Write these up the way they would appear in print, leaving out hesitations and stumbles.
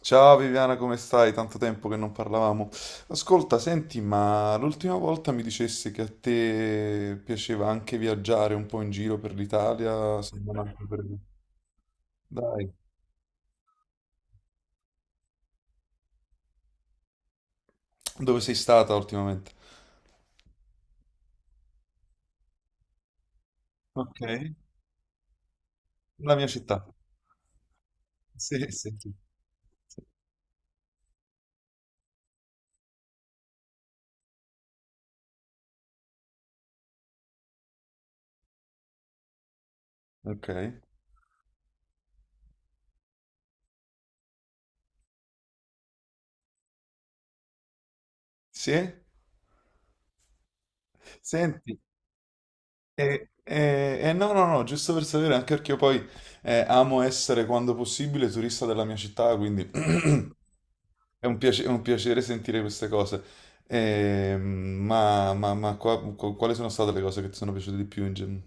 Ciao Viviana, come stai? Tanto tempo che non parlavamo. Ascolta, senti, ma l'ultima volta mi dicessi che a te piaceva anche viaggiare un po' in giro per l'Italia, se non altro per... Dai, dove sei stata ultimamente? Ok, la mia città. Sì, sì. Sì. Ok. Sì? Senti, no, no, no, giusto per sapere, anche perché io poi amo essere quando possibile turista della mia città, quindi è un piacere sentire queste cose. Ehm, ma quali sono state le cose che ti sono piaciute di più? in gen-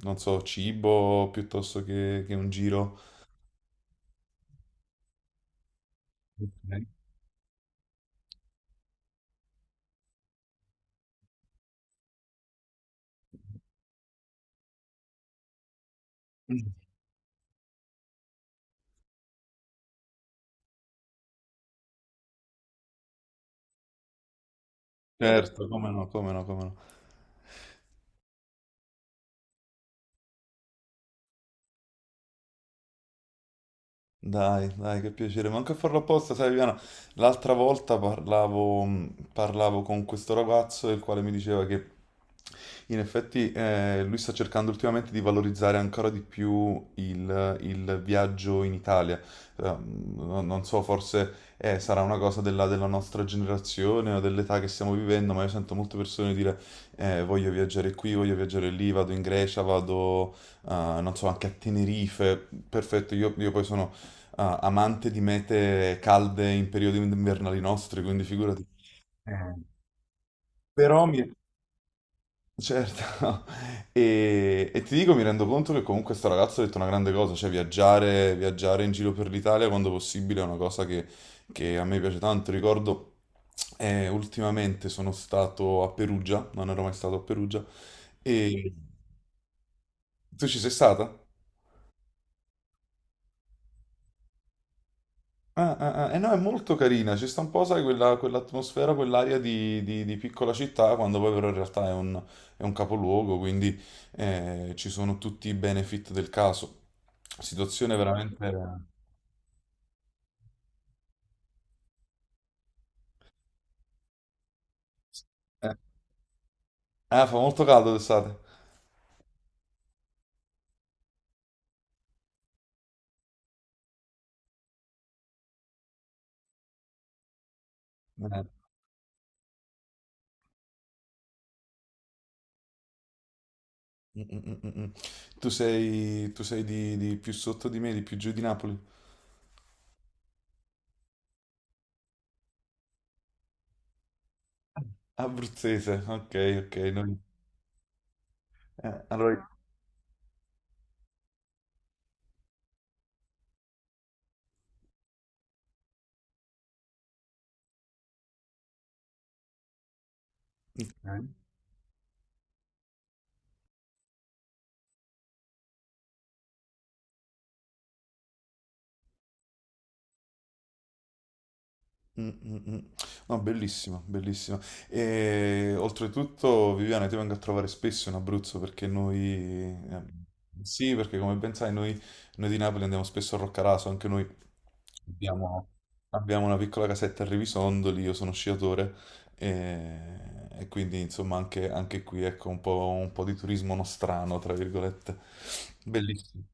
non so, cibo piuttosto che un giro? Ok. Certo, come no, come no, come no. Dai, dai, che piacere, manco a farlo apposta, sai Viviana, l'altra volta parlavo con questo ragazzo il quale mi diceva che in effetti lui sta cercando ultimamente di valorizzare ancora di più il viaggio in Italia. Eh, non so, forse sarà una cosa della nostra generazione o dell'età che stiamo vivendo, ma io sento molte persone dire voglio viaggiare qui, voglio viaggiare lì, vado in Grecia, non so, anche a Tenerife. Perfetto, io poi sono amante di mete calde in periodi invernali nostri, quindi figurati. Però mi... Certo, e ti dico, mi rendo conto che comunque sto ragazzo ha detto una grande cosa, cioè viaggiare, viaggiare in giro per l'Italia quando possibile è una cosa che a me piace tanto. Ricordo, ultimamente sono stato a Perugia, non ero mai stato a Perugia, e tu ci sei stata? Ah, ah, ah, eh no, è molto carina, ci sta un po', sai, quella, quell'atmosfera, quell'aria di piccola città, quando poi però in realtà è un capoluogo, quindi ci sono tutti i benefit del caso. Situazione veramente... Eh, Fa molto caldo d'estate. Eh, mm, mm, mm, mm. Mm. Tu sei di più sotto di me, di più giù di Napoli? Abruzzese, ok, ok. Allora... Mm, mm, mm. No, bellissima, bellissima. E oltretutto, Viviana, ti vengo a trovare spesso in Abruzzo eh, Sì, perché come ben sai, noi di Napoli andiamo spesso a Roccaraso, anche noi abbiamo, abbiamo una piccola casetta a Rivisondoli, io sono sciatore e quindi insomma anche qui ecco un po' di turismo nostrano, tra virgolette. Bellissimo.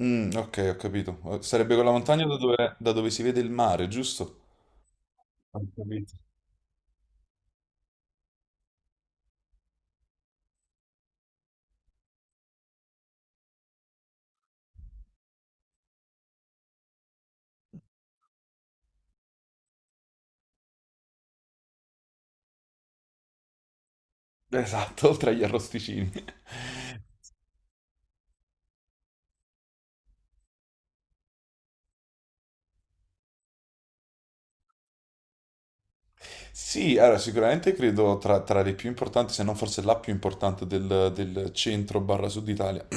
Mm, ok, ho capito. Sarebbe quella montagna da dove si vede il mare, giusto? Ho capito. Esatto, oltre agli arrosticini. Sì, allora, sicuramente credo tra le più importanti, se non forse la più importante del centro barra sud Italia.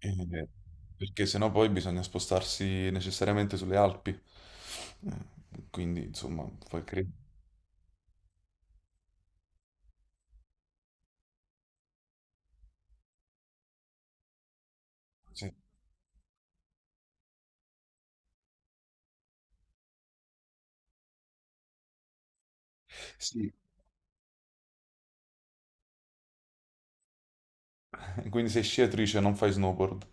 Eh, Perché sennò poi bisogna spostarsi necessariamente sulle Alpi. Quindi, insomma, poi credo. Sì. Sì. Quindi sei sciatrice, non fai snowboard.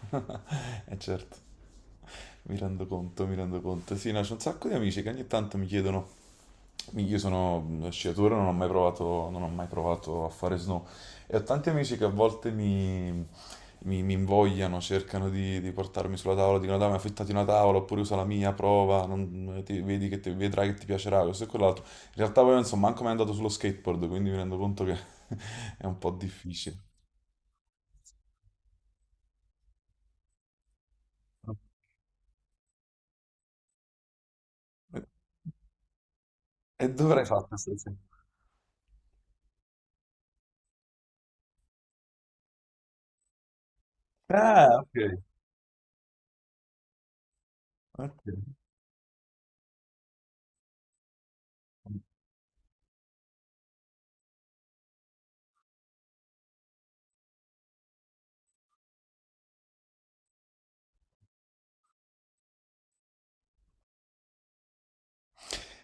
Eh certo, mi rendo conto, mi rendo conto. Sì, no, c'è un sacco di amici che ogni tanto mi chiedono, io sono uno sciatore, non ho mai provato, non ho mai provato a fare snow e ho tanti amici che a volte mi invogliano, cercano di portarmi sulla tavola, dicono dai, ma affittati una tavola oppure usa la mia, prova, vedrai che ti piacerà, questo e quell'altro. In realtà poi non so manco mai andato sullo skateboard, quindi mi rendo conto che è un po' difficile. E dove l'hai fatto stasera? Ah, ok. Ok.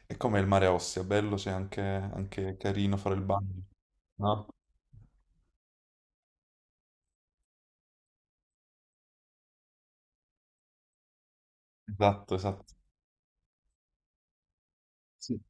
E com'è il mare a Ostia? Bello, c'è anche carino fare il bagno, no? Esatto, esatto. Sì.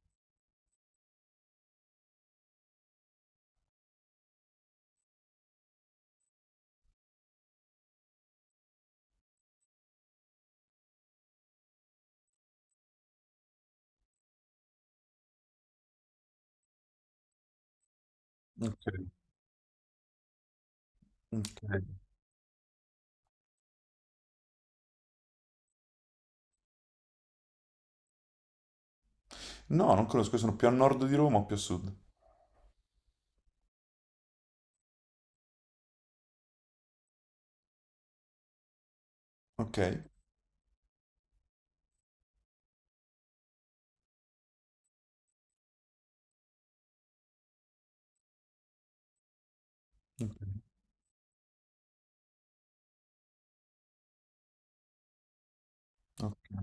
Ok, ok. No, non conosco, io sono più a nord di Roma o più a sud? Ok. Ok. Ok.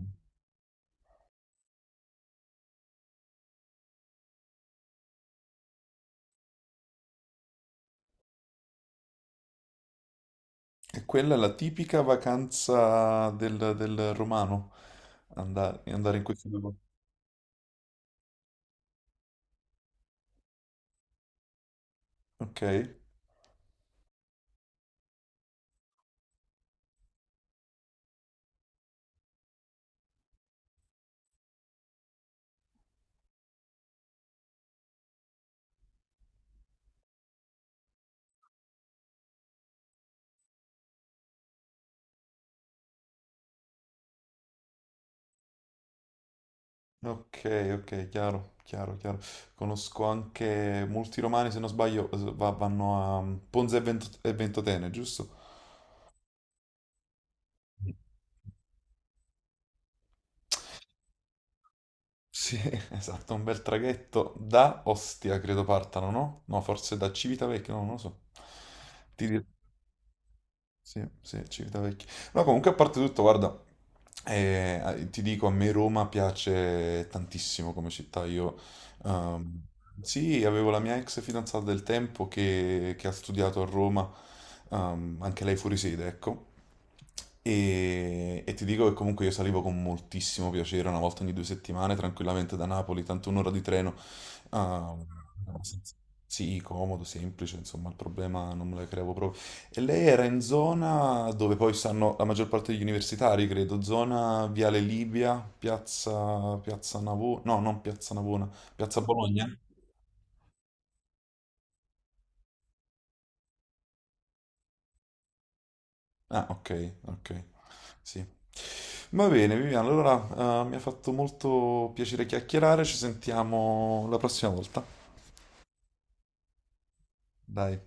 E quella è la tipica vacanza del romano, andare in questi due posti. Ok, ok, ok, chiaro, chiaro, chiaro. Conosco anche molti romani, se non sbaglio, vanno a Ponza e Ventotene, giusto? Sì, esatto, un bel traghetto da Ostia, credo partano, no? No, forse da Civitavecchia, no, non lo so. Ti dirò. Sì, sì, Civita Vecchia. No, comunque a parte tutto, guarda, ti dico, a me Roma piace tantissimo come città. Ehm, sì, avevo la mia ex fidanzata del tempo che ha studiato a Roma, anche lei fuori sede, ecco. E ti dico che comunque io salivo con moltissimo piacere una volta ogni 2 settimane, tranquillamente da Napoli, tanto un'ora di treno. ehm, abbastanza- sì, comodo, semplice, insomma, il problema non me lo creavo proprio. E lei era in zona dove poi stanno la maggior parte degli universitari, credo, zona Viale Libia, piazza Navona, no, non piazza Navona, piazza Bologna? Ah, ok, ok, sì. Va bene, Viviana, allora mi ha fatto molto piacere chiacchierare, ci sentiamo la prossima volta. Dai.